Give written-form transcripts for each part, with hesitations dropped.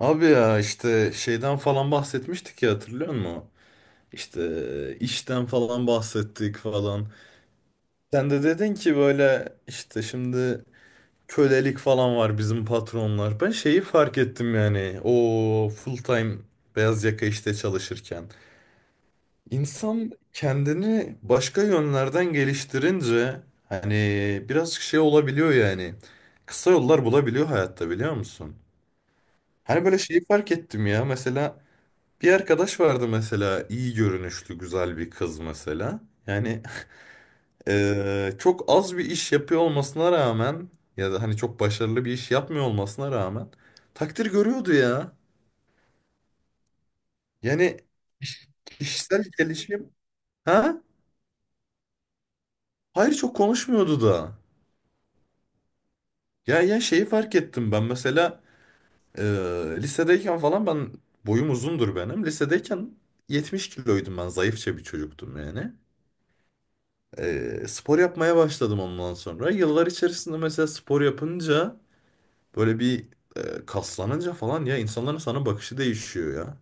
Abi ya işte şeyden falan bahsetmiştik ya hatırlıyor musun? İşte işten falan bahsettik falan. Sen de dedin ki böyle işte şimdi kölelik falan var bizim patronlar. Ben şeyi fark ettim yani o full time beyaz yaka işte çalışırken. İnsan kendini başka yönlerden geliştirince hani biraz şey olabiliyor yani. Kısa yollar bulabiliyor hayatta biliyor musun? Hani böyle şeyi fark ettim ya mesela, bir arkadaş vardı mesela, iyi görünüşlü güzel bir kız mesela. Yani çok az bir iş yapıyor olmasına rağmen ya da hani çok başarılı bir iş yapmıyor olmasına rağmen takdir görüyordu ya. Yani kişisel gelişim, ha? Hayır, çok konuşmuyordu da. Ya ya şeyi fark ettim ben mesela, eee, lisedeyken falan ben boyum uzundur benim. Lisedeyken 70 kiloydum ben, zayıfça bir çocuktum yani. Spor yapmaya başladım ondan sonra. Yıllar içerisinde mesela spor yapınca böyle bir kaslanınca falan ya, insanların sana bakışı değişiyor ya.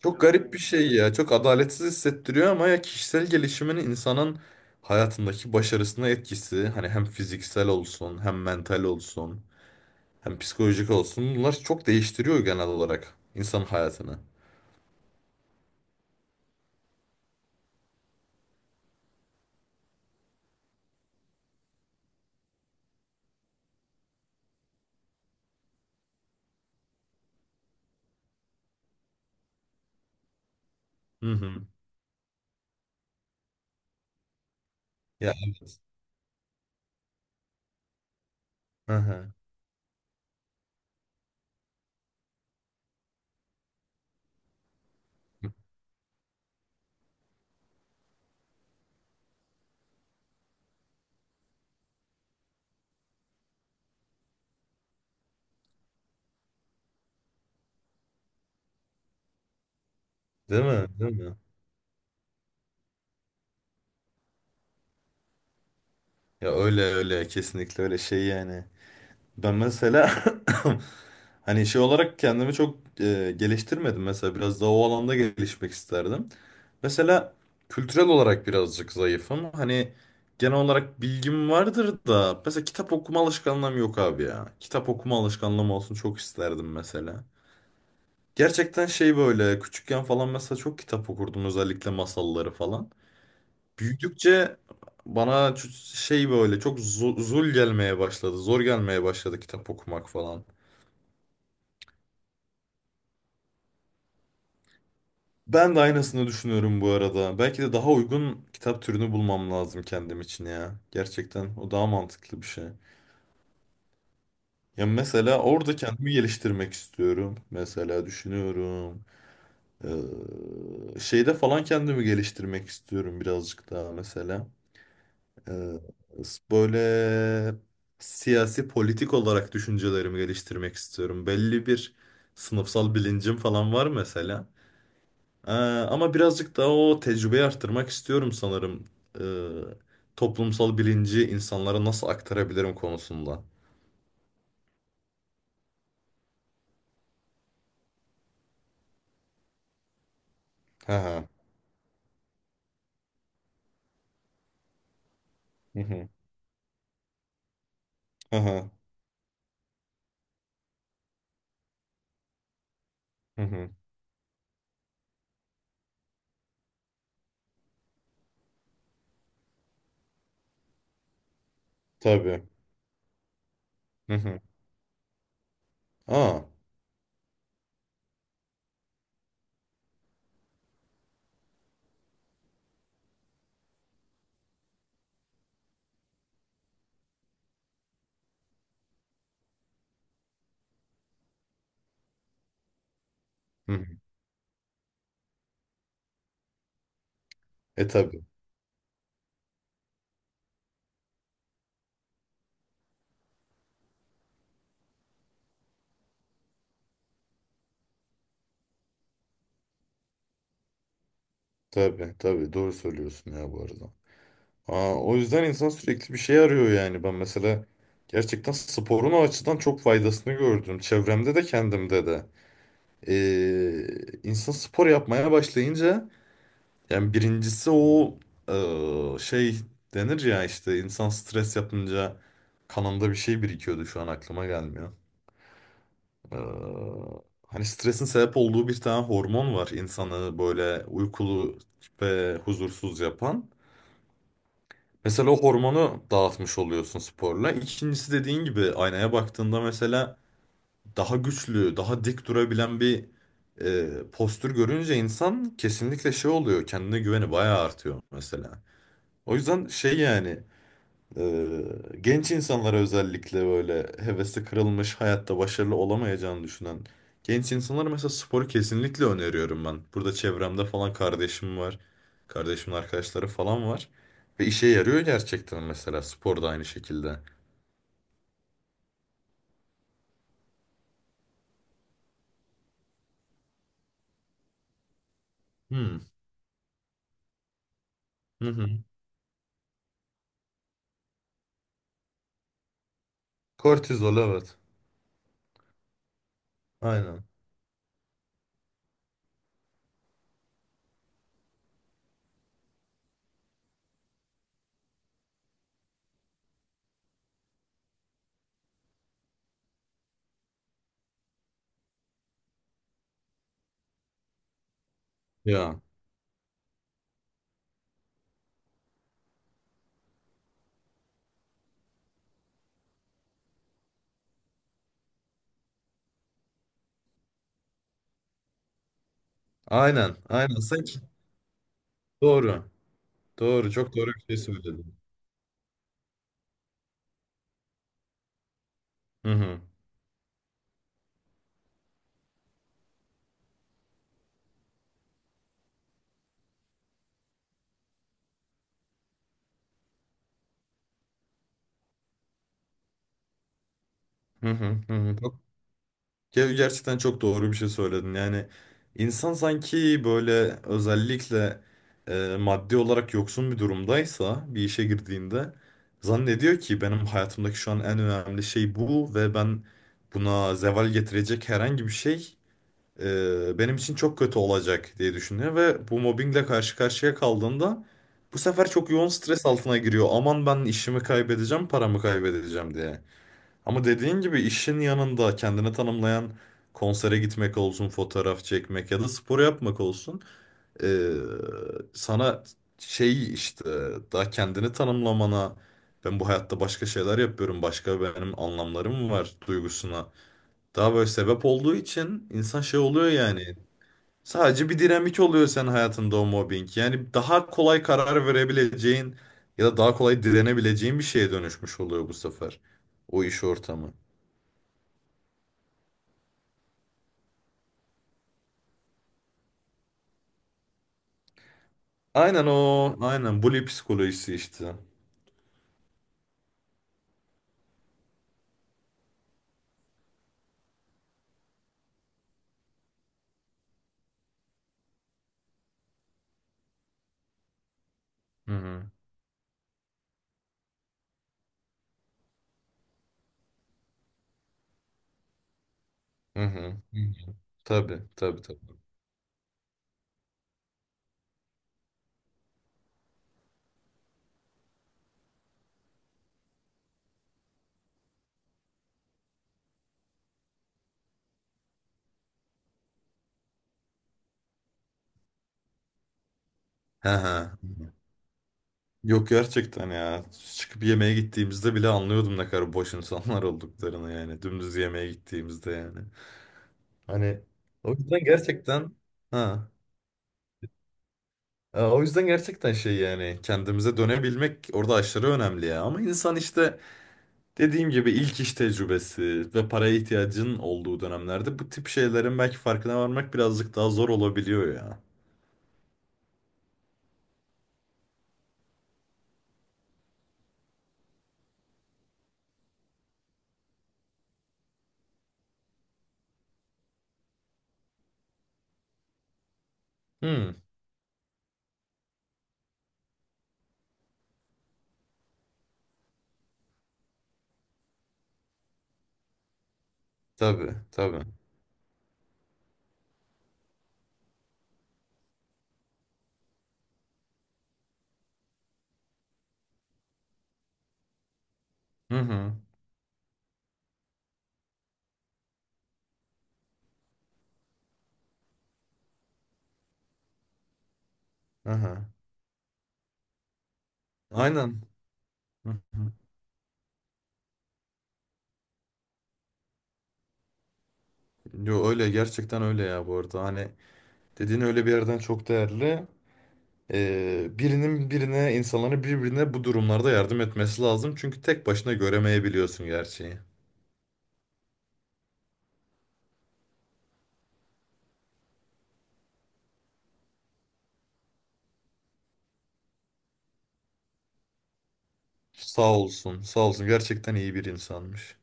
Çok garip bir şey ya. Çok adaletsiz hissettiriyor ama ya kişisel gelişimin insanın hayatındaki başarısına etkisi, hani hem fiziksel olsun hem mental olsun hem psikolojik olsun, bunlar çok değiştiriyor genel olarak insanın hayatını. Hı hı. Ya evet. Hı hı. Değil mi? Değil mi? Ya öyle, öyle, kesinlikle öyle şey yani. Ben mesela hani şey olarak kendimi çok geliştirmedim. Mesela biraz daha o alanda gelişmek isterdim. Mesela kültürel olarak birazcık zayıfım. Hani genel olarak bilgim vardır da mesela kitap okuma alışkanlığım yok abi ya. Kitap okuma alışkanlığım olsun çok isterdim mesela. Gerçekten şey böyle küçükken falan mesela çok kitap okurdum, özellikle masalları falan. Büyüdükçe bana şey böyle çok zul gelmeye başladı. Zor gelmeye başladı kitap okumak falan. Ben de aynısını düşünüyorum bu arada. Belki de daha uygun kitap türünü bulmam lazım kendim için ya. Gerçekten o daha mantıklı bir şey. Ya mesela orada kendimi geliştirmek istiyorum. Mesela düşünüyorum. Şeyde falan kendimi geliştirmek istiyorum birazcık daha mesela. Ee, böyle siyasi, politik olarak düşüncelerimi geliştirmek istiyorum. Belli bir sınıfsal bilincim falan var mesela. Ama birazcık daha o tecrübeyi arttırmak istiyorum sanırım. Ee, toplumsal bilinci insanlara nasıl aktarabilirim konusunda. Hı hı. Hı hı. Hı hı. Hı hı. Tabii. Hı hı. Aa. Hı hı. E tabii. Tabii. Tabii. Doğru söylüyorsun ya bu arada. Aa, o yüzden insan sürekli bir şey arıyor yani. Ben mesela gerçekten sporun o açıdan çok faydasını gördüm. Çevremde de kendimde de. İnsan spor yapmaya başlayınca, yani birincisi o şey denir ya işte insan stres yapınca kanında bir şey birikiyordu, şu an aklıma gelmiyor. Eee, hani stresin sebep olduğu bir tane hormon var insanı böyle uykulu ve huzursuz yapan. Mesela o hormonu dağıtmış oluyorsun sporla. İkincisi, dediğin gibi, aynaya baktığında mesela daha güçlü, daha dik durabilen bir postür görünce insan kesinlikle şey oluyor. Kendine güveni bayağı artıyor mesela. O yüzden şey yani, genç insanlara, özellikle böyle hevesi kırılmış, hayatta başarılı olamayacağını düşünen genç insanlara mesela sporu kesinlikle öneriyorum ben. Burada çevremde falan kardeşim var. Kardeşimin arkadaşları falan var. Ve işe yarıyor gerçekten mesela spor da aynı şekilde. Hmm. Hı hı. Kortizol, evet. Aynen. Ya. Aynen. Aynen. Sanki doğru. Doğru. Çok doğru bir şey söyledin. Hı hı. Hı hı. Hı hı. Ya gerçekten çok doğru bir şey söyledin. Yani insan sanki böyle, özellikle maddi olarak yoksun bir durumdaysa, bir işe girdiğinde zannediyor ki benim hayatımdaki şu an en önemli şey bu, ve ben buna zeval getirecek herhangi bir şey benim için çok kötü olacak diye düşünüyor, ve bu mobbingle karşı karşıya kaldığında bu sefer çok yoğun stres altına giriyor. Aman ben işimi kaybedeceğim, paramı kaybedeceğim diye. Ama dediğin gibi işin yanında kendini tanımlayan, konsere gitmek olsun, fotoğraf çekmek ya da spor yapmak olsun, eee, sana şey işte, daha kendini tanımlamana, ben bu hayatta başka şeyler yapıyorum, başka benim anlamlarım var duygusuna daha böyle sebep olduğu için insan şey oluyor yani. Sadece bir dinamik oluyor senin hayatında o mobbing. Yani daha kolay karar verebileceğin ya da daha kolay direnebileceğin bir şeye dönüşmüş oluyor bu sefer o iş ortamı. Aynen o. Aynen. Bully psikolojisi işte. Hı hı. Hı hı. Hı hı. Tabii, tabii, tabii. He he. Yok, gerçekten ya. Çıkıp yemeğe gittiğimizde bile anlıyordum ne kadar boş insanlar olduklarını yani. Dümdüz yemeğe gittiğimizde yani. Hani o yüzden gerçekten, ha. O yüzden gerçekten şey yani, kendimize dönebilmek orada aşırı önemli ya. Ama insan işte, dediğim gibi ilk iş tecrübesi ve paraya ihtiyacın olduğu dönemlerde bu tip şeylerin belki farkına varmak birazcık daha zor olabiliyor ya. Hı, tabii, tabii. Hı hı, hı hı. Aynen. Hı hı. Yo, öyle, gerçekten öyle ya bu arada. Hani dediğin öyle bir yerden çok değerli. Birinin birine, insanların birbirine bu durumlarda yardım etmesi lazım. Çünkü tek başına göremeyebiliyorsun gerçeği. Sağ olsun, sağ olsun. Gerçekten iyi bir insanmış.